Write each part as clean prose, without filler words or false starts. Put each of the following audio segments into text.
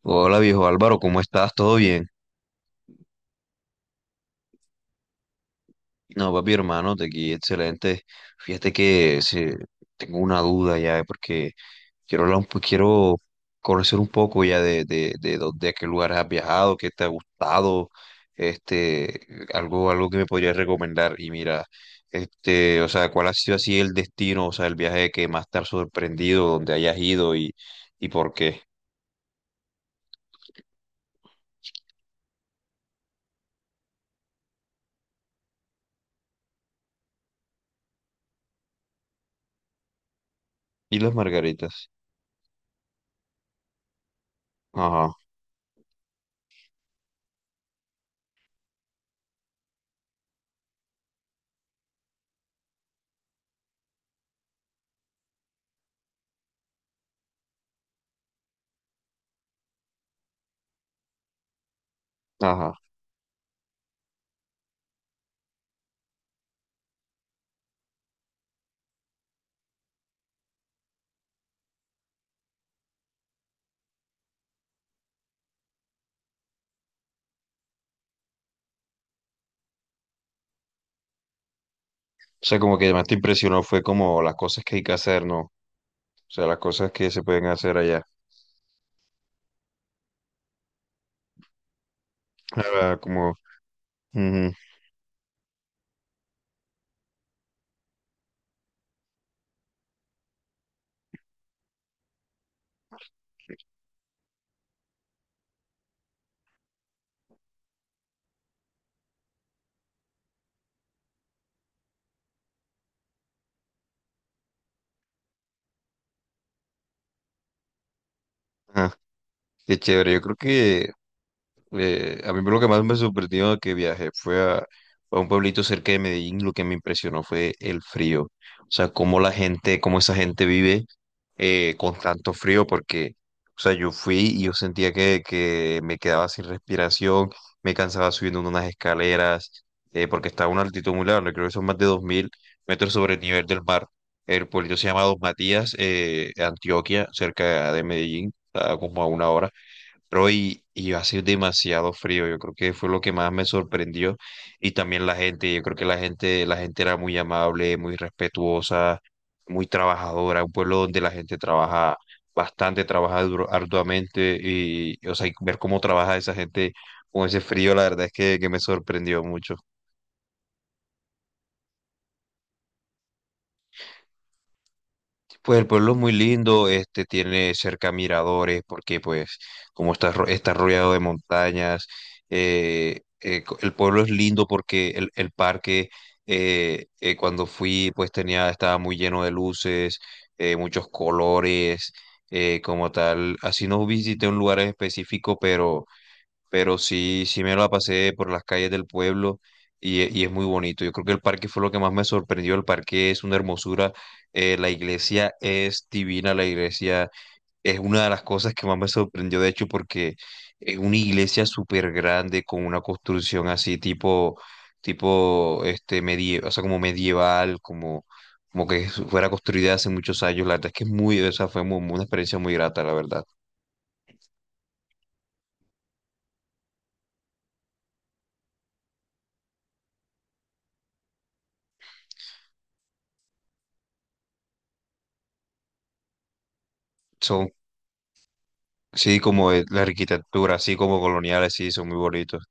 Hola viejo Álvaro, ¿cómo estás? ¿Todo bien? No, papi hermano, de aquí excelente. Fíjate que tengo una duda ya, porque quiero hablar quiero conocer un poco ya a qué lugares has viajado, qué te ha gustado, este, algo que me podrías recomendar. Y mira, o sea, ¿cuál ha sido así el destino, o sea, el viaje que más te ha sorprendido, donde hayas ido y por qué? Y las margaritas. Ajá, ajá. O sea, como que más te impresionó fue como las cosas que hay que hacer, ¿no? O sea, las cosas que se pueden hacer allá. Ah, como, ujú, ajá, qué chévere. Yo creo que a mí lo que más me sorprendió que viajé a un pueblito cerca de Medellín. Lo que me impresionó fue el frío. O sea, cómo la gente, cómo esa gente vive. Eh, con tanto frío porque, o sea, yo fui y yo sentía que me quedaba sin respiración, me cansaba subiendo unas escaleras, porque estaba a una altitud muy larga, creo que son más de 2000 metros sobre el nivel del mar. El pueblo se llama Dos Matías, Antioquia, cerca de Medellín, está como a una hora. Pero y hace demasiado frío, yo creo que fue lo que más me sorprendió. Y también la gente, yo creo que la gente era muy amable, muy respetuosa, muy trabajadora, un pueblo donde la gente trabaja bastante, arduamente y, o sea, y ver cómo trabaja esa gente con ese frío, la verdad es que me sorprendió mucho. Pues el pueblo es muy lindo, este tiene cerca miradores, porque pues como está, está rodeado de montañas, el pueblo es lindo porque el parque cuando fui pues estaba muy lleno de luces, muchos colores, como tal. Así no visité un lugar en específico, pero sí, sí me la pasé por las calles del pueblo y, y es muy bonito. Yo creo que el parque fue lo que más me sorprendió. El parque es una hermosura, la iglesia es divina, la iglesia es una de las cosas que más me sorprendió, de hecho, porque es una iglesia súper grande con una construcción así tipo medieval, o sea, como medieval, como... Como que fuera construida hace muchos años, la verdad es que es muy, o sea, una experiencia muy grata, la verdad son. Sí, como de la arquitectura, así como coloniales, sí, son muy bonitos.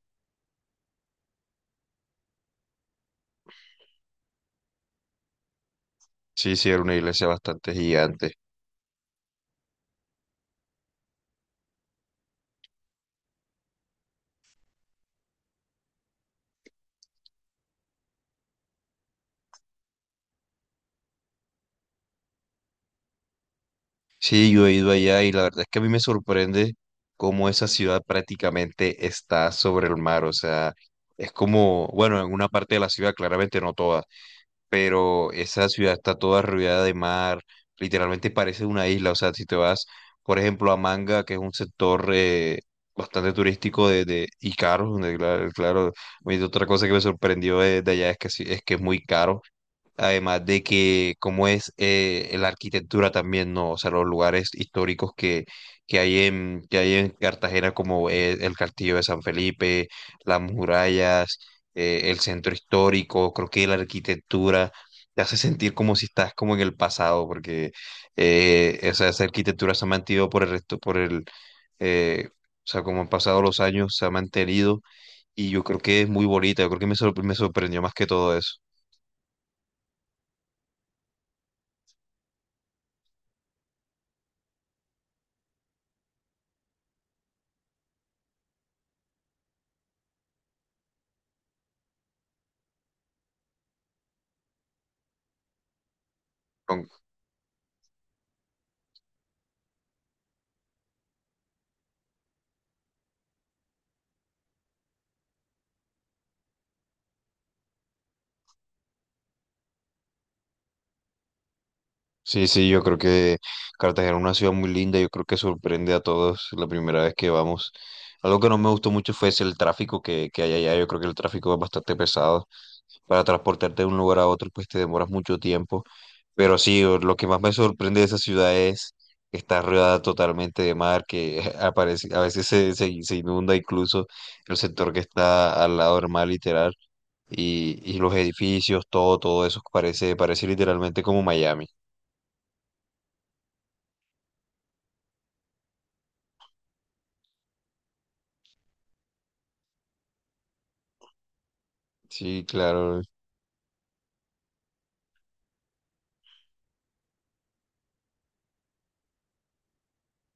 Sí, sí, era una iglesia bastante gigante. Sí, yo he ido allá y la verdad es que a mí me sorprende cómo esa ciudad prácticamente está sobre el mar. O sea, es como, bueno, en una parte de la ciudad, claramente no toda. Pero esa ciudad está toda rodeada de mar, literalmente parece una isla, o sea, si te vas, por ejemplo, a Manga, que es un sector bastante turístico y caro, donde, claro, oye, otra cosa que me sorprendió de allá es que, es que es muy caro. Además de que, como es la arquitectura también, ¿no? O sea, los lugares históricos que, que hay en Cartagena, como es el Castillo de San Felipe, las murallas, el centro histórico, creo que la arquitectura te hace sentir como si estás como en el pasado, porque esa arquitectura se ha mantenido por el resto, por el, o sea, como han pasado los años, se ha mantenido y yo creo que es muy bonita, yo creo que me sorprendió más que todo eso. Sí, sí, yo creo que Cartagena es una ciudad muy linda, yo creo que sorprende a todos la primera vez que vamos. Algo que no me gustó mucho fue ese, el tráfico que hay allá, yo creo que el tráfico es bastante pesado. Para transportarte de un lugar a otro, pues te demoras mucho tiempo. Pero sí, lo que más me sorprende de esa ciudad es que está rodeada totalmente de mar, que aparece, a veces se inunda incluso el sector que está al lado del mar, literal. Y los edificios, todo, todo eso parece, parece literalmente como Miami. Sí, claro.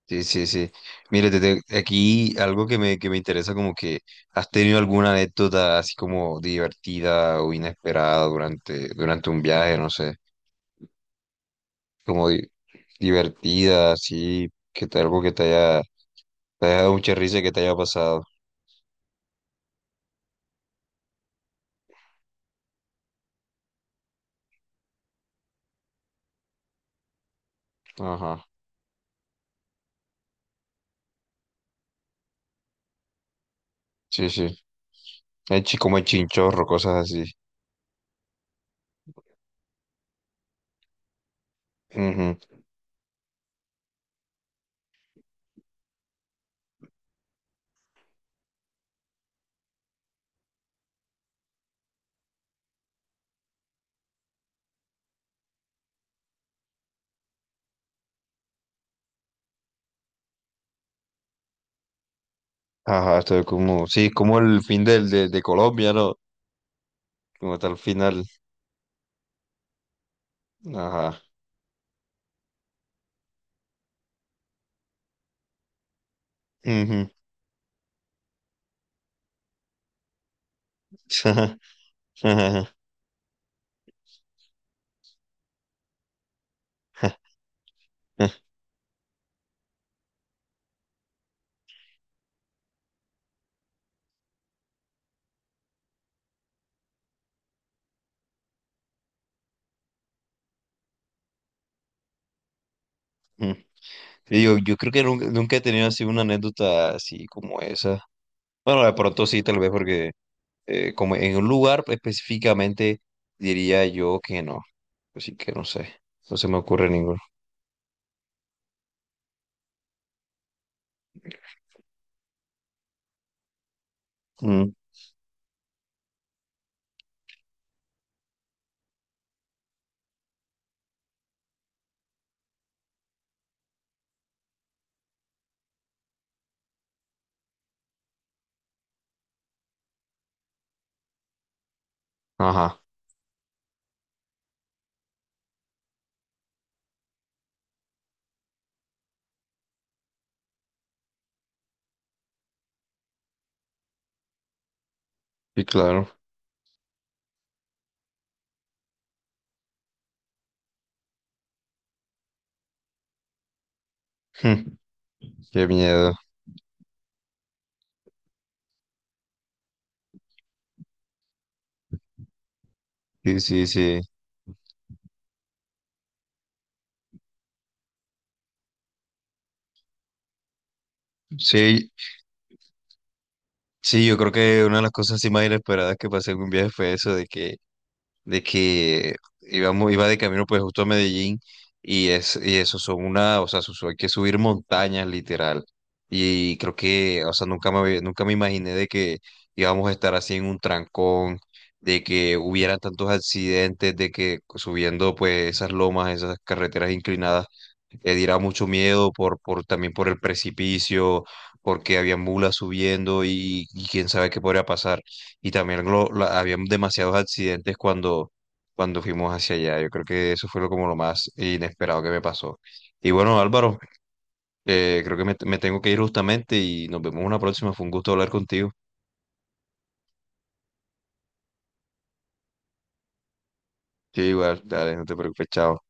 Sí, sí, sí. Mire, aquí algo que que me interesa, como que has tenido alguna anécdota así como divertida o inesperada durante, durante un viaje, no sé, como di- divertida, así, que te, algo que te haya dado mucha risa y que te haya pasado. Ajá, sí, sí. Como el chinchorro, cosas así. Ujú. Ajá, estoy como, sí, como el fin del, de Colombia, ¿no? Como hasta el final. Ajá. Ujú. Ajá. Mm. Sí, yo creo que nunca, nunca he tenido así una anécdota así como esa. Bueno, de pronto sí, tal vez porque como en un lugar específicamente diría yo que no. Así que no sé, no se me ocurre ninguno. Mm. Ajá, sí, claro. Mm. Qué miedo. Sí, sí, sí. Sí, sí, yo creo que una de las cosas así más inesperadas que pasé en un viaje fue eso de que de que íbamos, iba de camino pues justo a Medellín y, y eso son una, o sea, hay que subir montañas literal. Y creo que, o sea, nunca me imaginé de que íbamos a estar así en un trancón, de que hubiera tantos accidentes, de que subiendo pues esas lomas, esas carreteras inclinadas, diera mucho miedo también por el precipicio, porque había mulas subiendo y quién sabe qué podría pasar. Y también había demasiados accidentes cuando, cuando fuimos hacia allá. Yo creo que eso fue lo, como lo más inesperado que me pasó. Y bueno, Álvaro, creo que me tengo que ir justamente y nos vemos una próxima. Fue un gusto hablar contigo. Sí, igual, dale, no te preocupes, chao.